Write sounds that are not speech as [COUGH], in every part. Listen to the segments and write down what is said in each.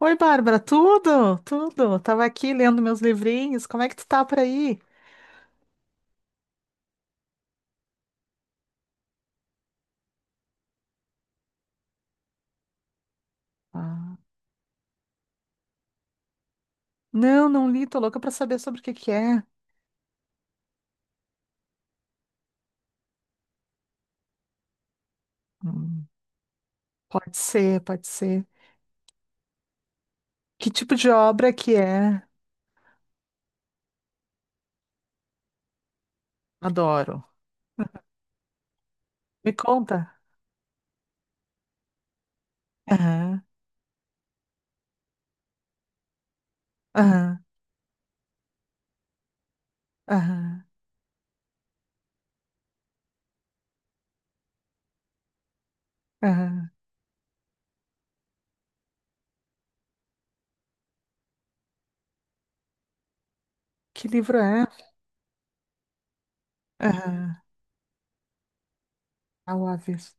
Oi, Bárbara, tudo? Tudo. Tava aqui lendo meus livrinhos. Como é que tu tá por aí? Ah, não, não li, tô louca pra saber sobre o que que é. Hum, Pode ser, pode ser. Que tipo de obra que é? Adoro. Me conta. Aham, aham, aham, aham. Que livro é? Aham. Ao avesso.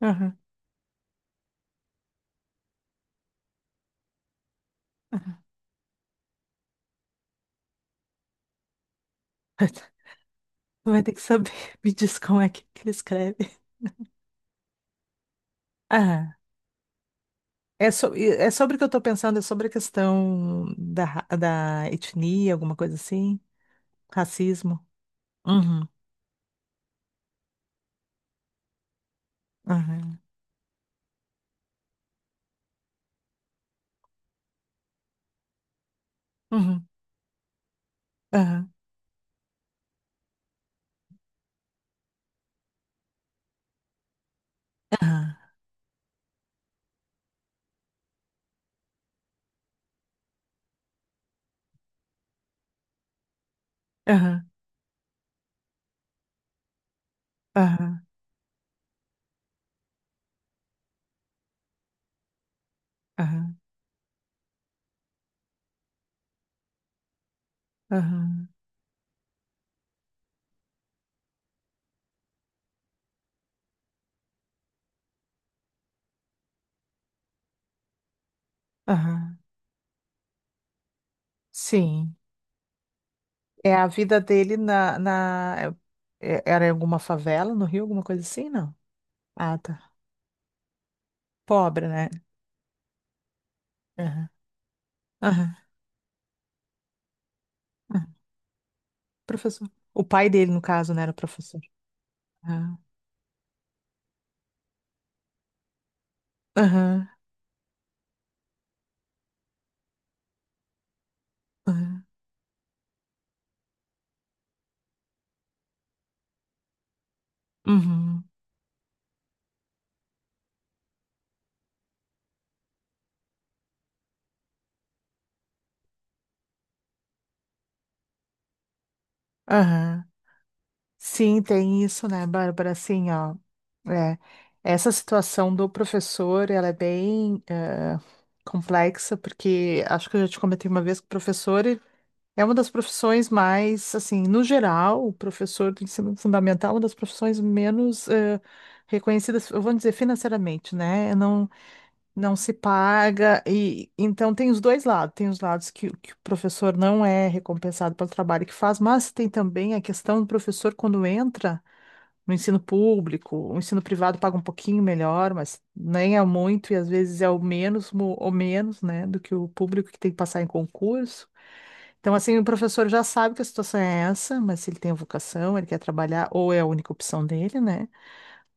Aham, aham. [LAUGHS] Tu vai ter que saber. Me diz como é que ele escreve. É, é sobre o que eu estou pensando, é sobre a questão da etnia, alguma coisa assim? Racismo? Uhum, aham, uhum, aham, aham, aham, aham, aham, aham, aham. Sim. É a vida dele na... Era em alguma favela no Rio, alguma coisa assim? Não. Ah, tá. Pobre, né? Aham, aham, aham. Professor. O pai dele, no caso, né, era professor. Aham, aham, aham, uhum, aham. Sim, tem isso, né, Bárbara? Assim, ó, é, essa situação do professor, ela é bem complexa, porque acho que eu já te comentei uma vez que o professor ele é uma das profissões mais, assim, no geral, o professor do ensino fundamental é uma das profissões menos reconhecidas, eu vou dizer, financeiramente, né? Não, não se paga, e então tem os dois lados, tem os lados que o professor não é recompensado pelo trabalho que faz, mas tem também a questão do professor quando entra no ensino público. O ensino privado paga um pouquinho melhor, mas nem é muito e às vezes é o menos ou menos, né, do que o público que tem que passar em concurso. Então, assim, o professor já sabe que a situação é essa, mas se ele tem a vocação, ele quer trabalhar, ou é a única opção dele, né?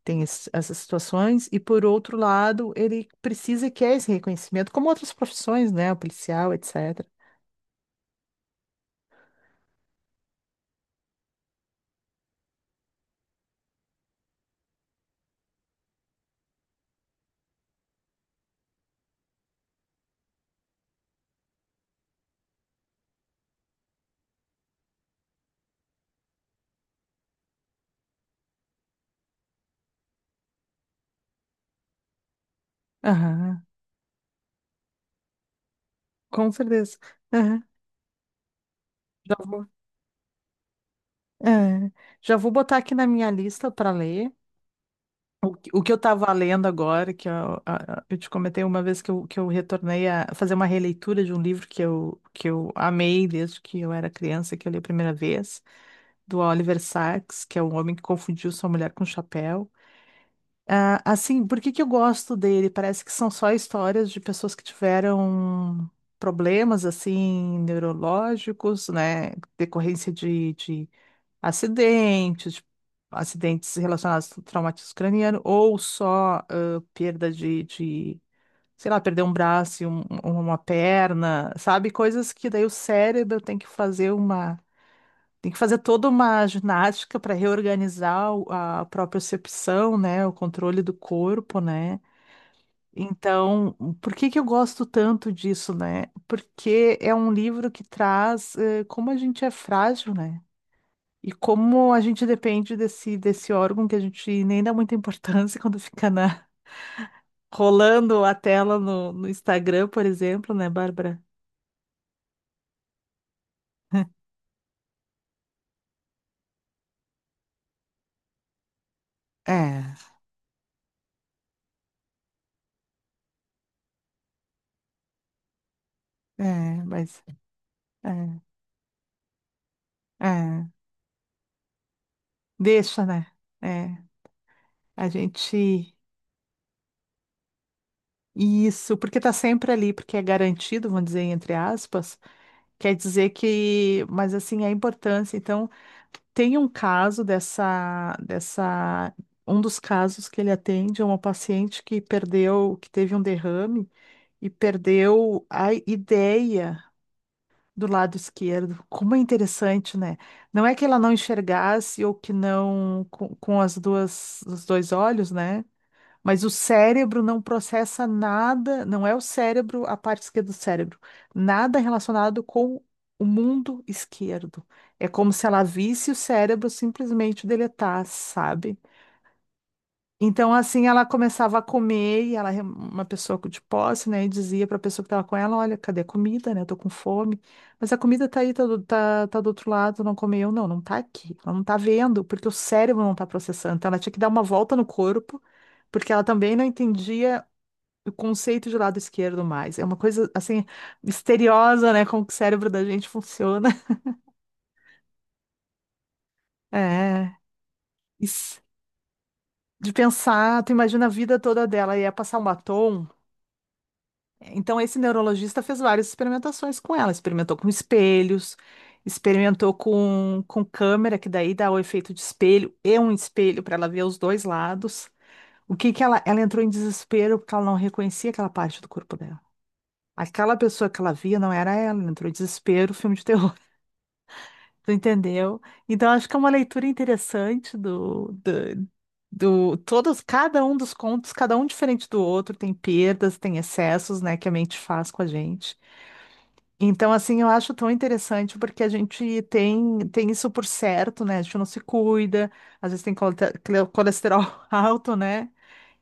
Tem essas situações. E, por outro lado, ele precisa e quer esse reconhecimento, como outras profissões, né? O policial, etc. Aham, com certeza. Aham. Já vou. É, já vou botar aqui na minha lista para ler. O que eu estava lendo agora, que eu, a- eu te comentei uma vez que eu retornei a fazer uma releitura de um livro que eu amei desde que eu era criança, que eu li a primeira vez, do Oliver Sacks, que é um homem que confundiu sua mulher com um chapéu. Ah, assim, por que que eu gosto dele? Parece que são só histórias de pessoas que tiveram problemas, assim, neurológicos, né, decorrência de acidentes, acidentes relacionados ao traumatismo craniano, ou só perda de, sei lá, perder um braço, e uma perna, sabe? Coisas que daí o cérebro tem que fazer uma. Tem que fazer toda uma ginástica para reorganizar a propriocepção, né? O controle do corpo, né? Então, por que que eu gosto tanto disso, né? Porque é um livro que traz como a gente é frágil, né? E como a gente depende desse órgão que a gente nem dá muita importância [LAUGHS] quando fica rolando a tela no Instagram, por exemplo, né, Bárbara? É, é, mas é, é, deixa, né? É, a gente. Isso, porque tá sempre ali, porque é garantido, vamos dizer, entre aspas. Quer dizer que, mas assim, a importância. Então, tem um caso um dos casos que ele atende é uma paciente que perdeu, que teve um derrame e perdeu a ideia do lado esquerdo. Como é interessante, né? Não é que ela não enxergasse ou que não com as duas, os dois olhos, né? Mas o cérebro não processa nada, não é o cérebro, a parte esquerda do cérebro, nada relacionado com o mundo esquerdo. É como se ela visse o cérebro simplesmente deletar, sabe? Então, assim, ela começava a comer e ela, é uma pessoa de posse, né, e dizia para a pessoa que estava com ela: Olha, cadê a comida, né? Eu tô com fome. Mas a comida tá aí, tá do outro lado, não comeu. Não, não tá aqui. Ela não tá vendo, porque o cérebro não tá processando. Então, ela tinha que dar uma volta no corpo, porque ela também não entendia o conceito de lado esquerdo mais. É uma coisa, assim, misteriosa, né? Como que o cérebro da gente funciona. [LAUGHS] É. Isso. De pensar, tu imagina a vida toda dela, e ia passar um batom. Então, esse neurologista fez várias experimentações com ela. Experimentou com espelhos, experimentou com câmera, que daí dá o efeito de espelho e um espelho para ela ver os dois lados. O que que ela, entrou em desespero porque ela não reconhecia aquela parte do corpo dela. Aquela pessoa que ela via não era ela, ela entrou em desespero, filme de terror. [LAUGHS] Tu entendeu? Então, acho que é uma leitura interessante do, todos, cada um dos contos, cada um diferente do outro, tem perdas, tem excessos, né, que a mente faz com a gente. Então, assim, eu acho tão interessante porque a gente tem isso por certo, né? A gente não se cuida, às vezes tem colesterol [LAUGHS] alto, né?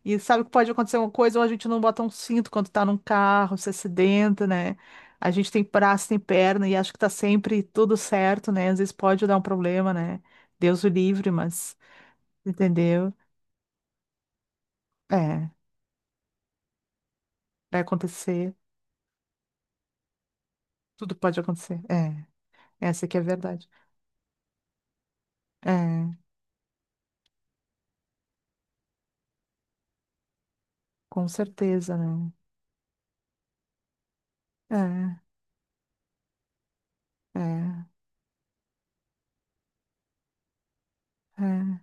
E sabe que pode acontecer uma coisa, ou a gente não bota um cinto quando tá num carro, se acidenta, né? A gente tem braço, tem perna e acho que tá sempre tudo certo, né? Às vezes pode dar um problema, né? Deus o livre, mas, entendeu? É, vai acontecer, tudo pode acontecer. É, essa que é a verdade. É, com certeza, né? É, é. É,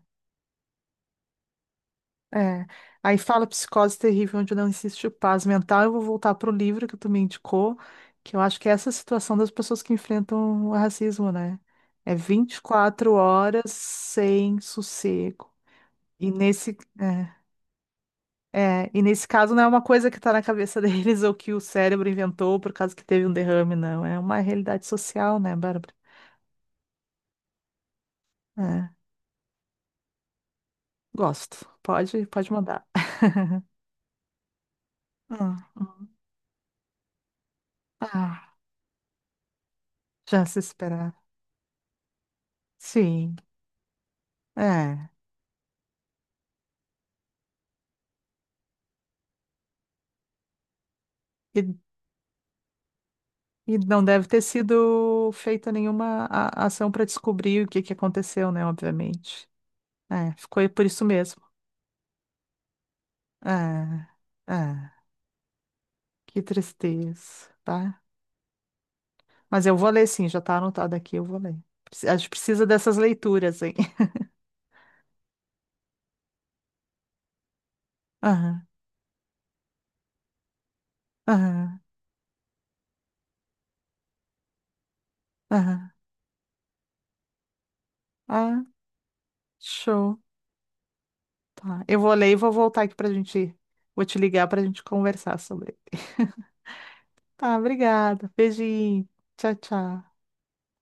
é. Aí fala psicose terrível, onde não existe paz mental. Eu vou voltar pro livro que tu me indicou, que eu acho que é essa situação das pessoas que enfrentam o racismo, né? É 24 horas sem sossego. E nesse, é, e nesse caso não é uma coisa que tá na cabeça [LAUGHS] deles ou que o cérebro inventou por causa que teve um derrame, não. É uma realidade social, né, Bárbara? É, gosto. Pode, pode mandar. [LAUGHS] Ah, ah, já se esperar. Sim, é. E, e não deve ter sido feita nenhuma ação para descobrir o que que aconteceu, né? Obviamente. É, ficou por isso mesmo. É, é, que tristeza, tá? Mas eu vou ler sim, já tá anotado aqui, eu vou ler. A gente precisa dessas leituras, hein? [LAUGHS] Aham, aham, aham. Ah, show. Tá. Eu vou ler e vou voltar aqui pra gente. Vou te ligar pra gente conversar sobre. [LAUGHS] Tá, obrigada. Beijinho. Tchau, tchau.